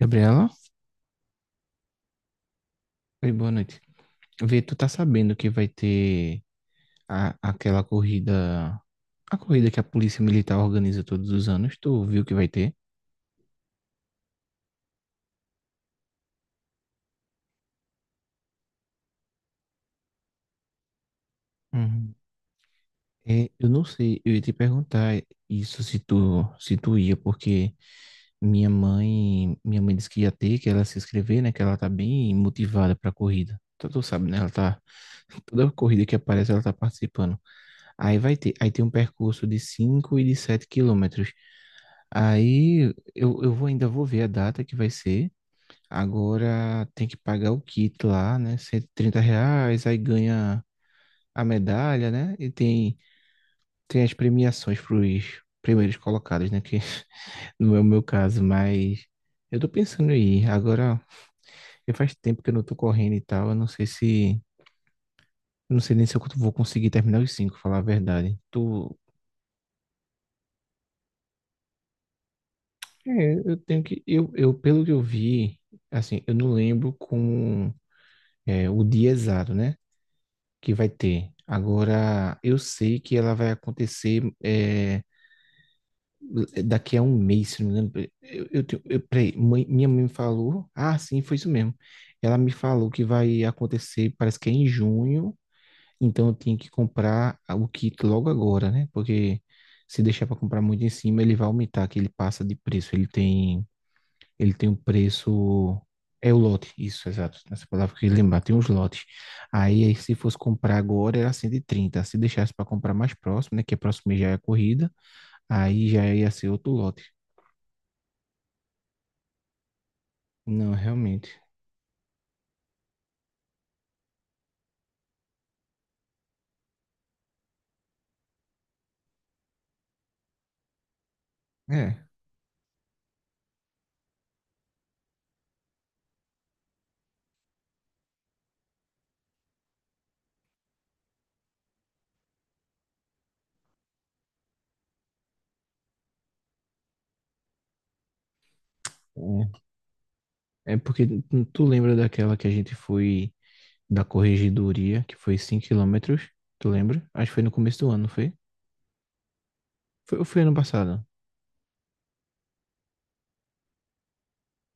Gabriela, oi, boa noite. Vê, tu tá sabendo que vai ter aquela corrida, a corrida que a Polícia Militar organiza todos os anos, tu viu que vai ter? Uhum. É, eu não sei, eu ia te perguntar isso se tu ia, porque minha mãe disse que ia ter, que ela se inscrever, né, que ela tá bem motivada pra corrida. Tu sabe, né, ela tá, toda corrida que aparece ela tá participando. Aí vai ter, aí tem um percurso de 5 e de 7 quilômetros. Aí ainda vou ver a data que vai ser. Agora tem que pagar o kit lá, né? R$ 130, aí ganha a medalha, né? E tem as premiações para os primeiros colocados, né? Que não é o meu caso, mas eu tô pensando em ir. Agora, eu faz tempo que eu não tô correndo e tal. Eu não sei se. Eu não sei nem se eu vou conseguir terminar os cinco, falar a verdade. Tu. É, eu tenho que. Pelo que eu vi, assim, eu não lembro como. É, o dia exato, né? Que vai ter. Agora, eu sei que ela vai acontecer é, daqui a um mês, se não me engano. Peraí, minha mãe me falou. Ah, sim, foi isso mesmo. Ela me falou que vai acontecer, parece que é em junho. Então, eu tenho que comprar o kit logo agora, né? Porque se deixar para comprar muito em cima, ele vai aumentar, que ele passa de preço. Ele tem um preço. É o lote, isso, exato. Essa palavra que eu queria lembrar, tem uns lotes. Se fosse comprar agora, era 130. Se deixasse para comprar mais próximo, né? Que é próximo mês já é a corrida, aí já ia ser outro lote. Não, realmente. É. É, é, porque tu lembra daquela que a gente foi da corregedoria, que foi 5 quilômetros? Tu lembra? Acho que foi no começo do ano, não foi? Foi, ou foi ano passado.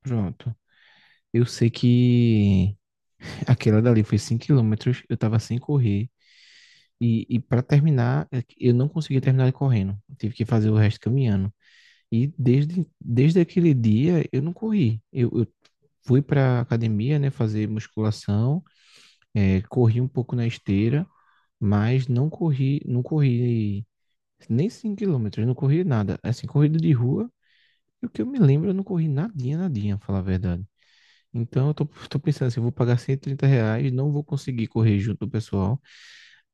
Pronto. Eu sei que aquela dali foi 5 quilômetros, eu tava sem correr. E, para terminar, é que eu não consegui terminar ele correndo. Eu tive que fazer o resto caminhando. E desde aquele dia eu não corri. Eu fui para academia, né, fazer musculação, é, corri um pouco na esteira, mas não corri nem 5 quilômetros, não corri nada. Assim, corrida de rua, e o que eu me lembro, eu não corri nadinha, nadinha, pra falar a verdade. Então eu tô pensando assim, eu vou pagar R$ 130, não vou conseguir correr junto do pessoal.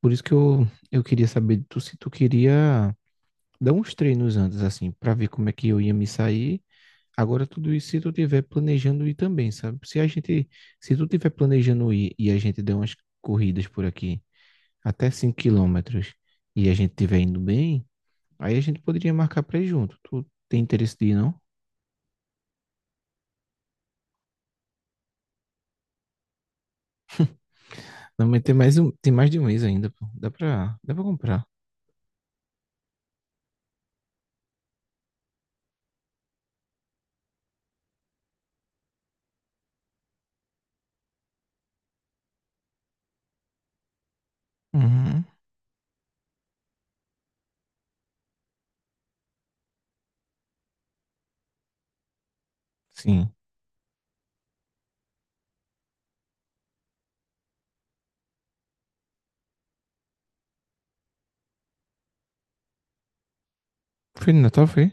Por isso que eu queria saber de tu se tu queria dá uns treinos antes, assim, para ver como é que eu ia me sair. Agora, tudo isso se tu tiver planejando ir também, sabe? Se a gente, Se tu tiver planejando ir e a gente der umas corridas por aqui, até 5 quilômetros, e a gente tiver indo bem, aí a gente poderia marcar pra ir junto. Tu tem interesse de ir, não? Não, mas tem mais de um mês ainda, pô. Dá pra comprar. Uhum. Sim. Foi no Natal, foi?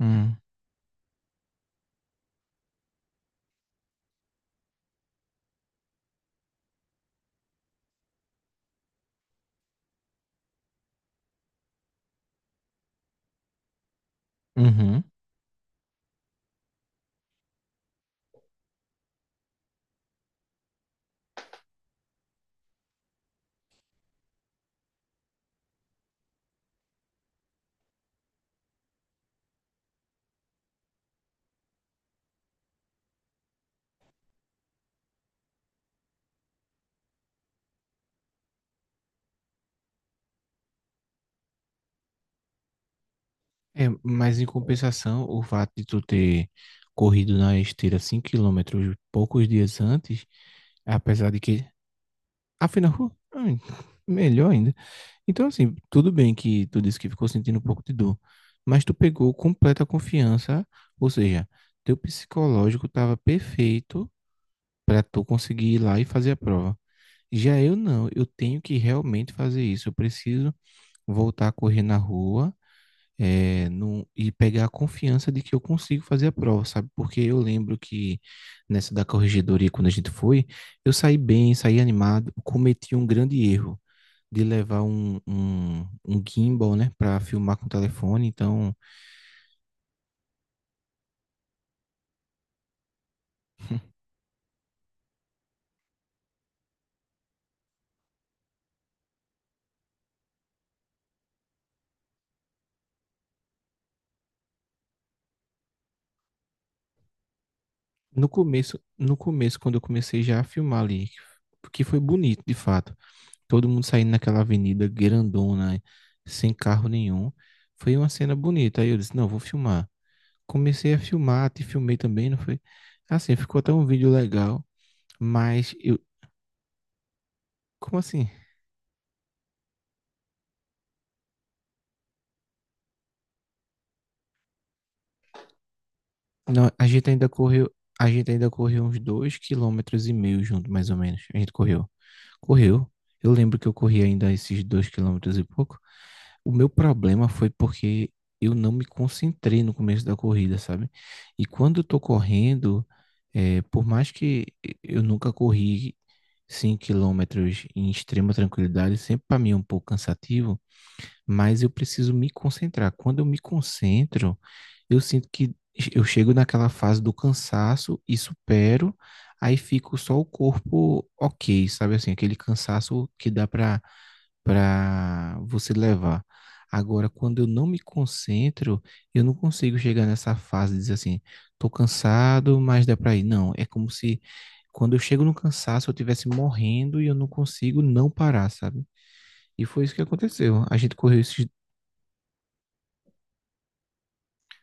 Uhum. Uhum. É, mas em compensação, o fato de tu ter corrido na esteira 5 quilômetros poucos dias antes, apesar de que, afinal, melhor ainda. Então, assim, tudo bem que tu disse que ficou sentindo um pouco de dor, mas tu pegou completa confiança, ou seja, teu psicológico estava perfeito para tu conseguir ir lá e fazer a prova. Já eu não, eu tenho que realmente fazer isso. Eu preciso voltar a correr na rua e pegar a confiança de que eu consigo fazer a prova, sabe? Porque eu lembro que nessa da corregedoria, quando a gente foi, eu saí bem, saí animado, cometi um grande erro de levar um gimbal, né, para filmar com o telefone. Então, no começo, quando eu comecei já a filmar ali, que foi bonito, de fato. Todo mundo saindo naquela avenida grandona, sem carro nenhum. Foi uma cena bonita. Aí eu disse, não, vou filmar. Comecei a filmar, te filmei também, não foi? Assim, ficou até um vídeo legal, mas eu, como assim? Não, a gente ainda correu uns 2,5 quilômetros junto, mais ou menos. A gente correu. Correu. Eu lembro que eu corri ainda esses 2 quilômetros e pouco. O meu problema foi porque eu não me concentrei no começo da corrida, sabe? E quando eu tô correndo, por mais que eu nunca corri 5 quilômetros em extrema tranquilidade, sempre para mim é um pouco cansativo, mas eu preciso me concentrar. Quando eu me concentro, eu sinto que eu chego naquela fase do cansaço e supero, aí fico só o corpo ok, sabe assim, aquele cansaço que dá para você levar. Agora, quando eu não me concentro, eu não consigo chegar nessa fase de dizer assim, tô cansado, mas dá para ir. Não, é como se quando eu chego no cansaço, eu estivesse morrendo e eu não consigo não parar, sabe? E foi isso que aconteceu. A gente correu esses,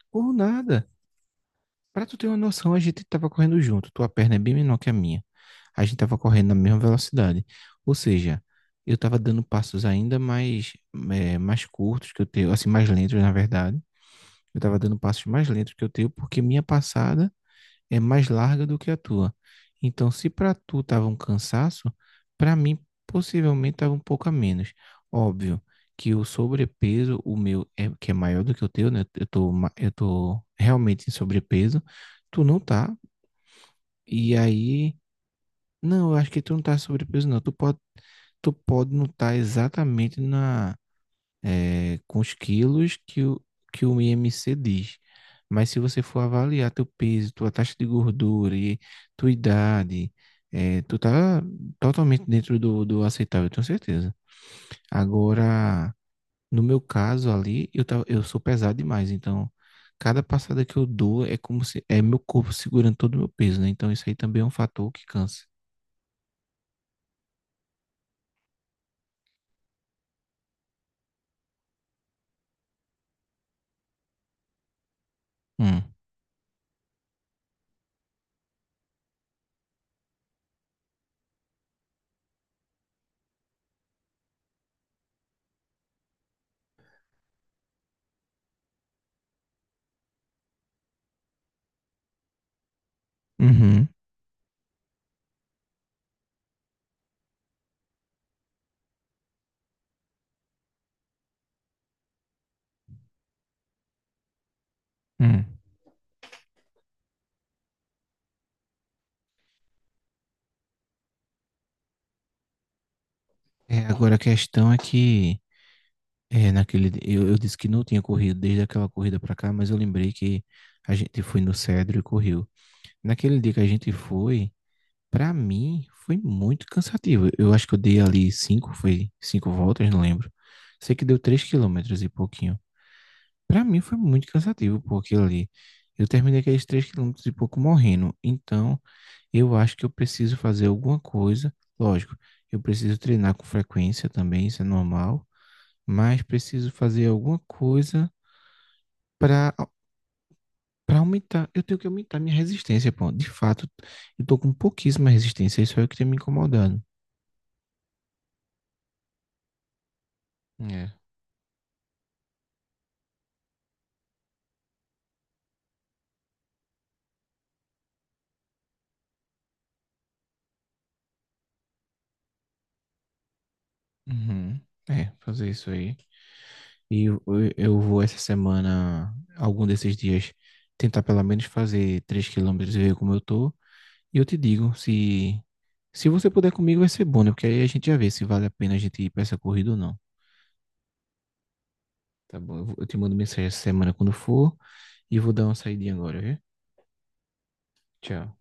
por nada. Pra tu ter uma noção, a gente tava correndo junto. Tua perna é bem menor que a minha. A gente tava correndo na mesma velocidade. Ou seja, eu tava dando passos ainda mais, mais curtos que o teu, assim, mais lentos, na verdade. Eu tava dando passos mais lentos que o teu, porque minha passada é mais larga do que a tua. Então, se para tu tava um cansaço, para mim possivelmente estava um pouco a menos. Óbvio que o sobrepeso, o meu, é, que é maior do que o teu, né? Eu tô realmente em sobrepeso, tu não tá. E aí, não, eu acho que tu não tá em sobrepeso, não. Tu pode não estar exatamente na é, com os quilos que o, IMC diz. Mas se você for avaliar teu peso, tua taxa de gordura e tua idade, é, tu tá totalmente dentro do aceitável, eu tenho certeza. Agora, no meu caso ali, eu sou pesado demais, então cada passada que eu dou é como se é meu corpo segurando todo o meu peso, né? Então isso aí também é um fator que cansa. Hum. Uhum. Hum. É, agora a questão é que é, naquele, eu disse que não tinha corrido desde aquela corrida pra cá, mas eu lembrei que a gente foi no Cedro e correu. Naquele dia que a gente foi, pra mim, foi muito cansativo. Eu acho que eu dei ali cinco, foi cinco voltas, não lembro. Sei que deu 3 quilômetros e pouquinho. Pra mim foi muito cansativo, pô, aquilo ali. Eu terminei aqueles 3 quilômetros e pouco morrendo. Então, eu acho que eu preciso fazer alguma coisa. Lógico, eu preciso treinar com frequência também, isso é normal. Mas preciso fazer alguma coisa para para aumentar, eu tenho que aumentar minha resistência, pô. De fato, eu tô com pouquíssima resistência, isso é o que tem me incomodando. É. Uhum. É, fazer isso aí. E eu vou essa semana, algum desses dias, tentar pelo menos fazer 3 quilômetros e ver como eu tô. E eu te digo, se você puder comigo vai ser bom, né? Porque aí a gente já vê se vale a pena a gente ir pra essa corrida ou não. Tá bom, eu te mando mensagem essa semana quando for e vou dar uma saidinha agora, viu? Tchau.